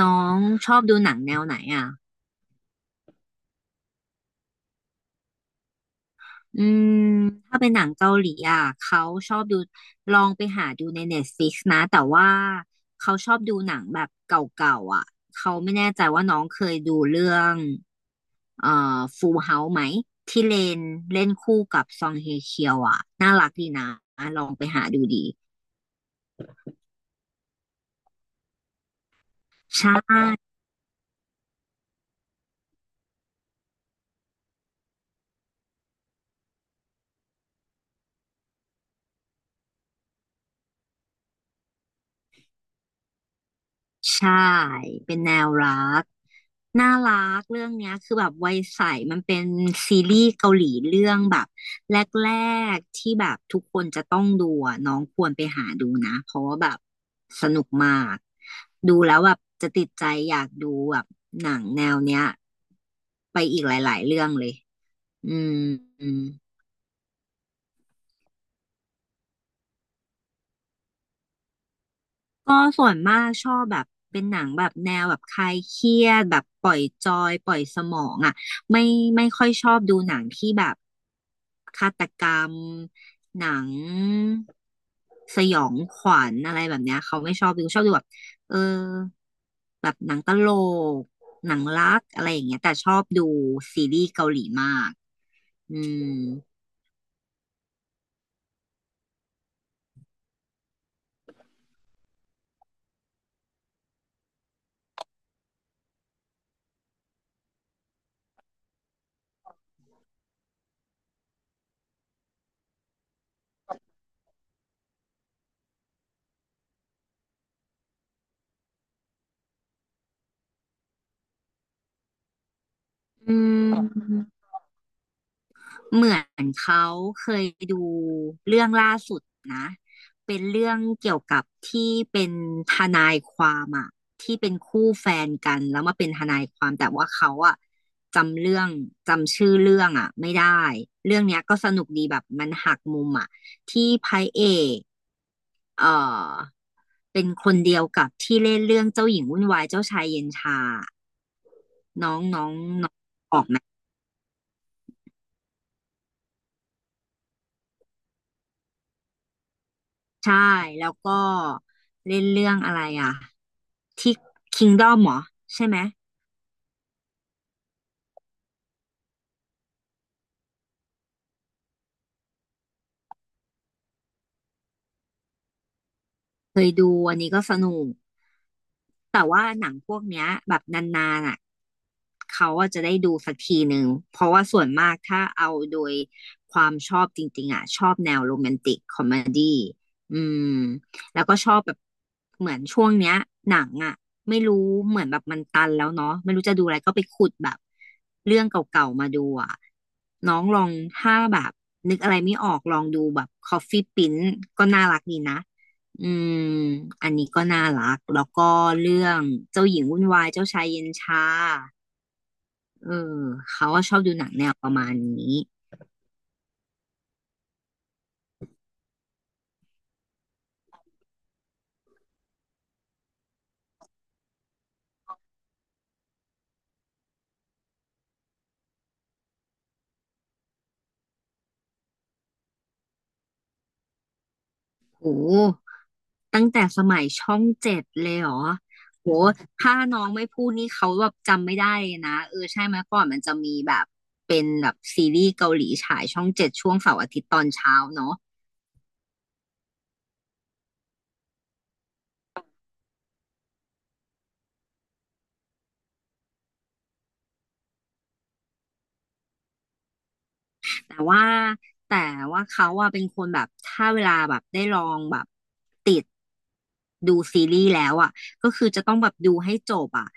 น้องชอบดูหนังแนวไหนอ่ะอืมถ้าเป็นหนังเกาหลีอ่ะเขาชอบดูลองไปหาดูใน Netflix นะแต่ว่าเขาชอบดูหนังแบบเก่าๆอ่ะเขาไม่แน่ใจว่าน้องเคยดูเรื่องเอ่ฟูลเฮาไหมที่เลนเล่นคู่กับซองเฮเคียวอ่ะน่ารักดีนะลองไปหาดูดีใช่ ใช่เป็นแนวรักน่ารักเรื่องเนี้ยคือแบบวัยใสมันเป็นซีรีส์เกาหลีเรื่องแบบแรกๆที่แบบทุกคนจะต้องดูอะน้องควรไปหาดูนะเพราะว่าแบบสนุกมากดูแล้วแบบจะติดใจอยากดูแบบหนังแนวเนี้ยไปอีกหลายๆเรื่องเลยอืม ก็ส่วนมากชอบแบบเป็นหนังแบบแนวแบบคลายเครียดแบบปล่อยจอยปล่อยสมองอ่ะไม่ไม่ค่อยชอบดูหนังที่แบบฆาตกรรมหนังสยองขวัญอะไรแบบเนี้ยเขาไม่ชอบดูชอบดูแบบเออแบบหนังตลกหนังรักอะไรอย่างเงี้ยแต่ชอบดูซีรีส์เกาหลีมากอืมอืม เหมือนเขาเคยดูเรื่องล่าสุดนะเป็นเรื่องเกี่ยวกับที่เป็นทนายความอะที่เป็นคู่แฟนกันแล้วมาเป็นทนายความแต่ว่าเขาอะจำเรื่องจำชื่อเรื่องอะไม่ได้เรื่องเนี้ยก็สนุกดีแบบมันหักมุมอะที่พระเอกเอ่อเป็นคนเดียวกับที่เล่นเรื่องเจ้าหญิงวุ่นวายเจ้าชายเย็นชาน้องน้องน้องออกไหมใช่แล้วก็เล่นเรื่องอะไรอะ ที่คิงด้อมเหรอใช่ไหมเคยดูอันนี้ก็สนุก แต่ว่าหนังพวกเนี้ยแบบนานๆอ่ะเขาอะจะได้ดูสักทีหนึ่งเพราะว่าส่วนมากถ้าเอาโดยความชอบจริงๆอ่ะชอบแนวโรแมนติกคอมเมดี้อืมแล้วก็ชอบแบบเหมือนช่วงเนี้ยหนังอ่ะไม่รู้เหมือนแบบมันตันแล้วเนาะไม่รู้จะดูอะไรก็ไปขุดแบบเรื่องเก่าๆมาดูอ่ะน้องลองถ้าแบบนึกอะไรไม่ออกลองดูแบบ Coffee Prince ก็น่ารักดีนะ อืมอันนี้ก็น่ารัก แล้วก็เรื่องเจ้าหญิงวุ่นวาย เจ้าชายเย็นชาเออเขาก็ชอบดูหนังแนวประมาณนี้โหตั้งแต่สมัยช่องเจ็ดเลยเหรอโหถ้าน้องไม่พูดนี่เขาแบบจำไม่ได้เลยนะ เออใช่ไหมก่อนมันจะมีแบบเป็นแบบซีรีส์เกาหลีฉายช่องเจ็ดช่วงเสาร์อาทิตย์ตอนเช้าเนาะ แต่ว่าแต่ว่าเขาอะเป็นคนแบบถ้าเวลาแบบได้ลองแบบติดดูซีรีส์แล้วอะก็คือจะต้องแบบดูให้จบอะ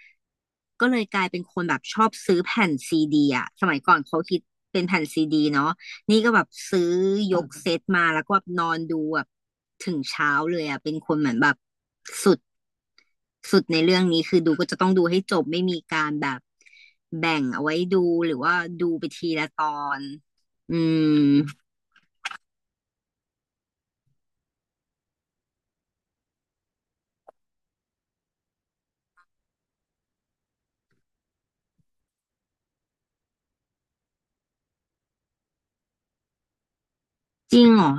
ก็เลยกลายเป็นคนแบบชอบซื้อแผ่นซีดีอะสมัยก่อนเขาคิดเป็นแผ่นซีดีเนาะนี่ก็แบบซื้อยกเซตมาแล้วก็แบบนอนดูแบบถึงเช้าเลยอะเป็นคนเหมือนแบบสุด สุดในเรื่องนี้คือดูก็จะต้องดูให้จบไม่มีการแบบแบ่งเอาไว้ดูหรือว่าดูไปทีละตอนอืมจริงเหรอ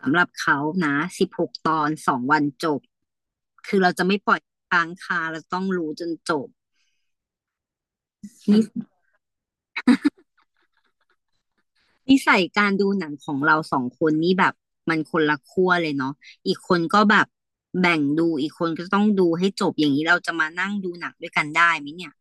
สำหรับเขานะ16ตอน2 วันจบคือเราจะไม่ปล่อยค้างคาเราต้องรู้จนจบนินิสัยการดูหนังของเราสองคนนี่แบบมันคนละขั้วเลยเนาะอีกคนก็แบบแบ่งดูอีกคนก็ต้องดูให้จบอย่างนี้เราจะมานั่งดูหนังด้วยกันได้ไหมเนี่ย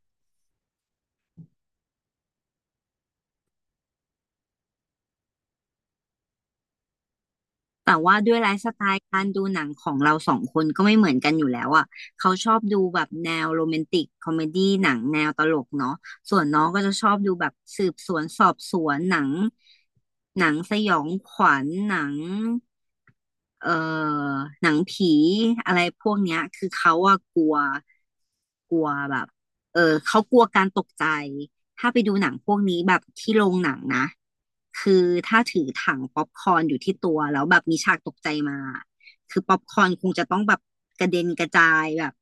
แต่ว่าด้วยไลฟ์สไตล์การดูหนังของเราสองคนก็ไม่เหมือนกันอยู่แล้วอ่ะเขาชอบดูแบบแนวโรแมนติกคอมเมดี้หนังแนวตลกเนาะส่วนน้องก็จะชอบดูแบบสืบสวนสอบสวนหนังหนังสยองขวัญหนัง เอ่อหนังผีอะไรพวกเนี้ยคือเขาอะกลัวกลัวแบบเออเขากลัวการตกใจถ้าไปดูหนังพวกนี้แบบที่โรงหนังนะคือถ้าถือถังป๊อปคอร์นอยู่ที่ตัวแล้วแบบมีฉากตกใจมาคือป๊อปคอร์นคงจะต้องแบบกระเด็นกระจายแบบ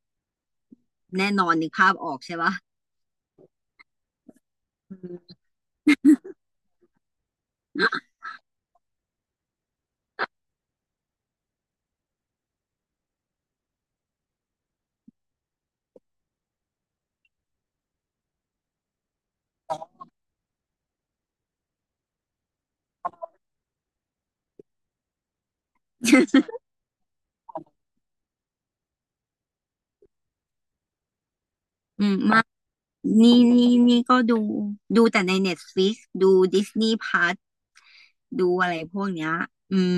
แน่นอนนึกภาพออกใช่ปะอืม มากนี่นี่นี่ก็ดูแต่ใน Netflix ดู Disney Plus ดูอะไรพวกเนี้ยอืม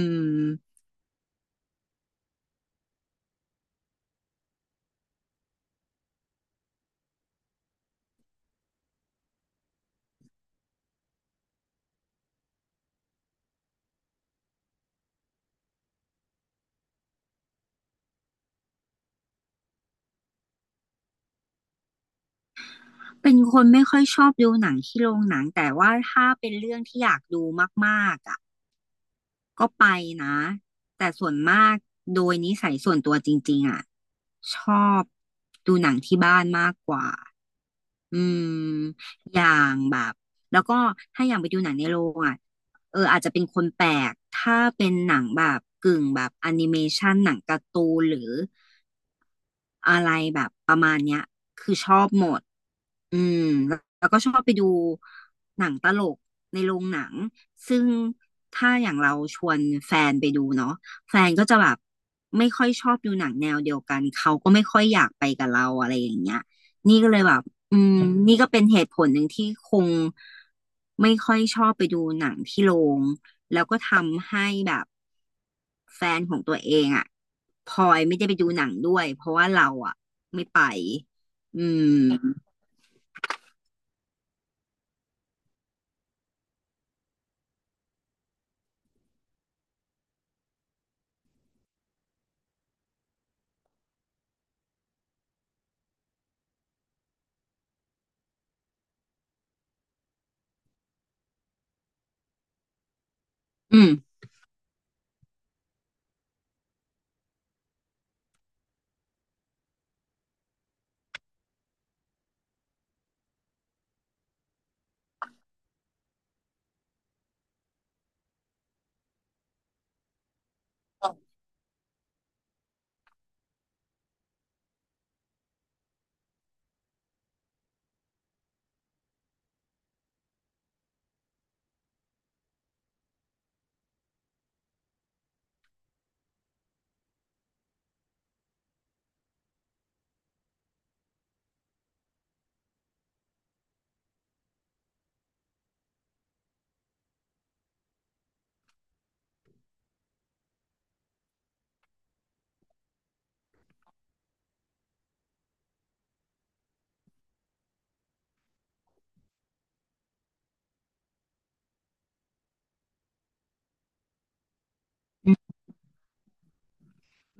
เป็นคนไม่ค่อยชอบดูหนังที่โรงหนังแต่ว่าถ้าเป็นเรื่องที่อยากดูมากๆอ่ะก็ไปนะแต่ส่วนมากโดยนิสัยส่วนตัวจริงๆอ่ะชอบดูหนังที่บ้านมากกว่าอืมอย่างแบบแล้วก็ถ้าอย่างไปดูหนังในโรงอ่ะเอออาจจะเป็นคนแปลกถ้าเป็นหนังแบบกึ่งแบบแอนิเมชันหนังการ์ตูนหรืออะไรแบบประมาณเนี้ยคือชอบหมด อืมแล้วก็ชอบไปดูหนังตลกในโรงหนังซึ่งถ้าอย่างเราชวนแฟนไปดูเนาะแฟนก็จะแบบไม่ค่อยชอบดูหนังแนวเดียวกันเขาก็ไม่ค่อยอยากไปกับเราอะไรอย่างเงี้ยนี่ก็เลยแบบอืมนี่ก็เป็นเหตุผลหนึ่งที่คงไม่ค่อยชอบไปดูหนังที่โรงแล้วก็ทำให้แบบแฟนของตัวเองอะพลอยไม่ได้ไปดูหนังด้วยเพราะว่าเราอะไม่ไปอืมอืม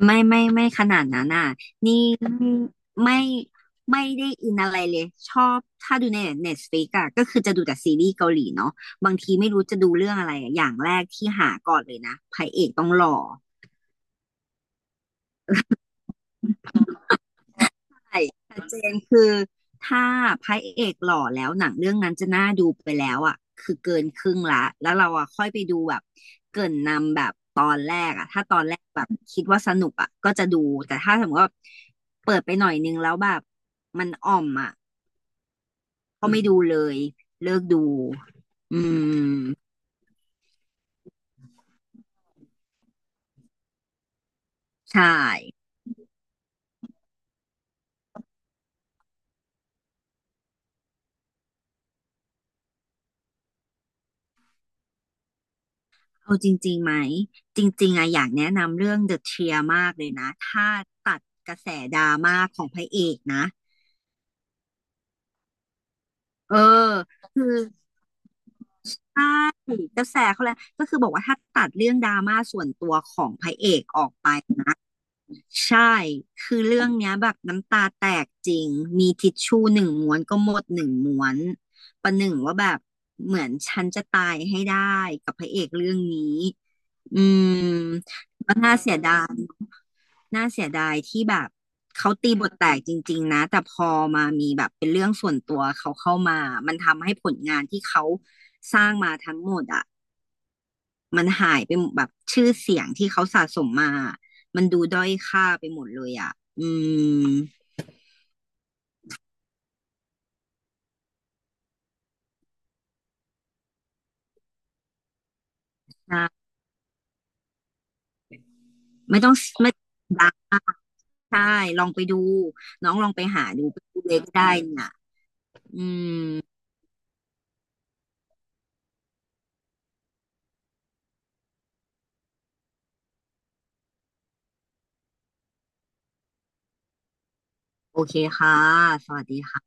ไม่ขนาดนั้นอ่ะนี่ไม่ไม่ได้อินอะไรเลยชอบถ้าดูใน Netflix อะก็คือจะดูแต่ซีรีส์เกาหลีเนาะบางทีไม่รู้จะดูเรื่องอะไรอะอย่างแรกที่หาก่อนเลยนะพระเอกต้องหล่อ ใช่ชัดเจนคือถ้าพระเอกหล่อแล้วหนังเรื่องนั้นจะน่าดูไปแล้วอ่ะคือเกินครึ่งละแล้วเราอ่ะค่อยไปดูแบบเกริ่นนำแบบตอนแรกอ่ะถ้าตอนแรกแบบคิดว่าสนุกอ่ะก็จะดูแต่ถ้าสมมติว่าเปิดไปหน่อยนึงแล้วแบบมันอ่อมอ่ะก็ไม่ดูเลยเลิกดูอืมใช่เอาจริงๆไหมจริงๆอะอยากแนะนำเรื่อง The Tear มากเลยนะถ้าตัดกระแสดราม่าของพระเอกนะ เออคือใช่กระแสเขาแหละก็คือบอกว่าถ้าตัดเรื่องดราม่าส่วนตัวของพระเอกออกไปใช่คือเรื่องเนี้ยแบบน้ำตาแตกจริงมีทิชชู่หนึ่งม้วนก็หมดหนึ่งม้วนประหนึ่งว่าแบบเหมือนฉันจะตายให้ได้กับพระเอกเรื่องนี้อืมก็น่าเสียดาย น่าเสียดายที่แบบเขาตีบทแตกจริงๆนะแต่พอมามีแบบเป็นเรื่องส่วนตัวเขาเข้ามามันทำให้ผลงานที่เขาสร้างมาทั้งหมดอ่ะมันหายไปหมดแบบชื่อเสียงที่เขาสะสมมามันดูด้อยค่าไปหมดเลยอ่ะอืมใช่ไม่ต้องไม่ดังมากใช่ลองไปดูน้องลองไปหาดูไปดูเลยก็ได้เนี่ยอืมโอเคค่ะสวัสดีค่ะ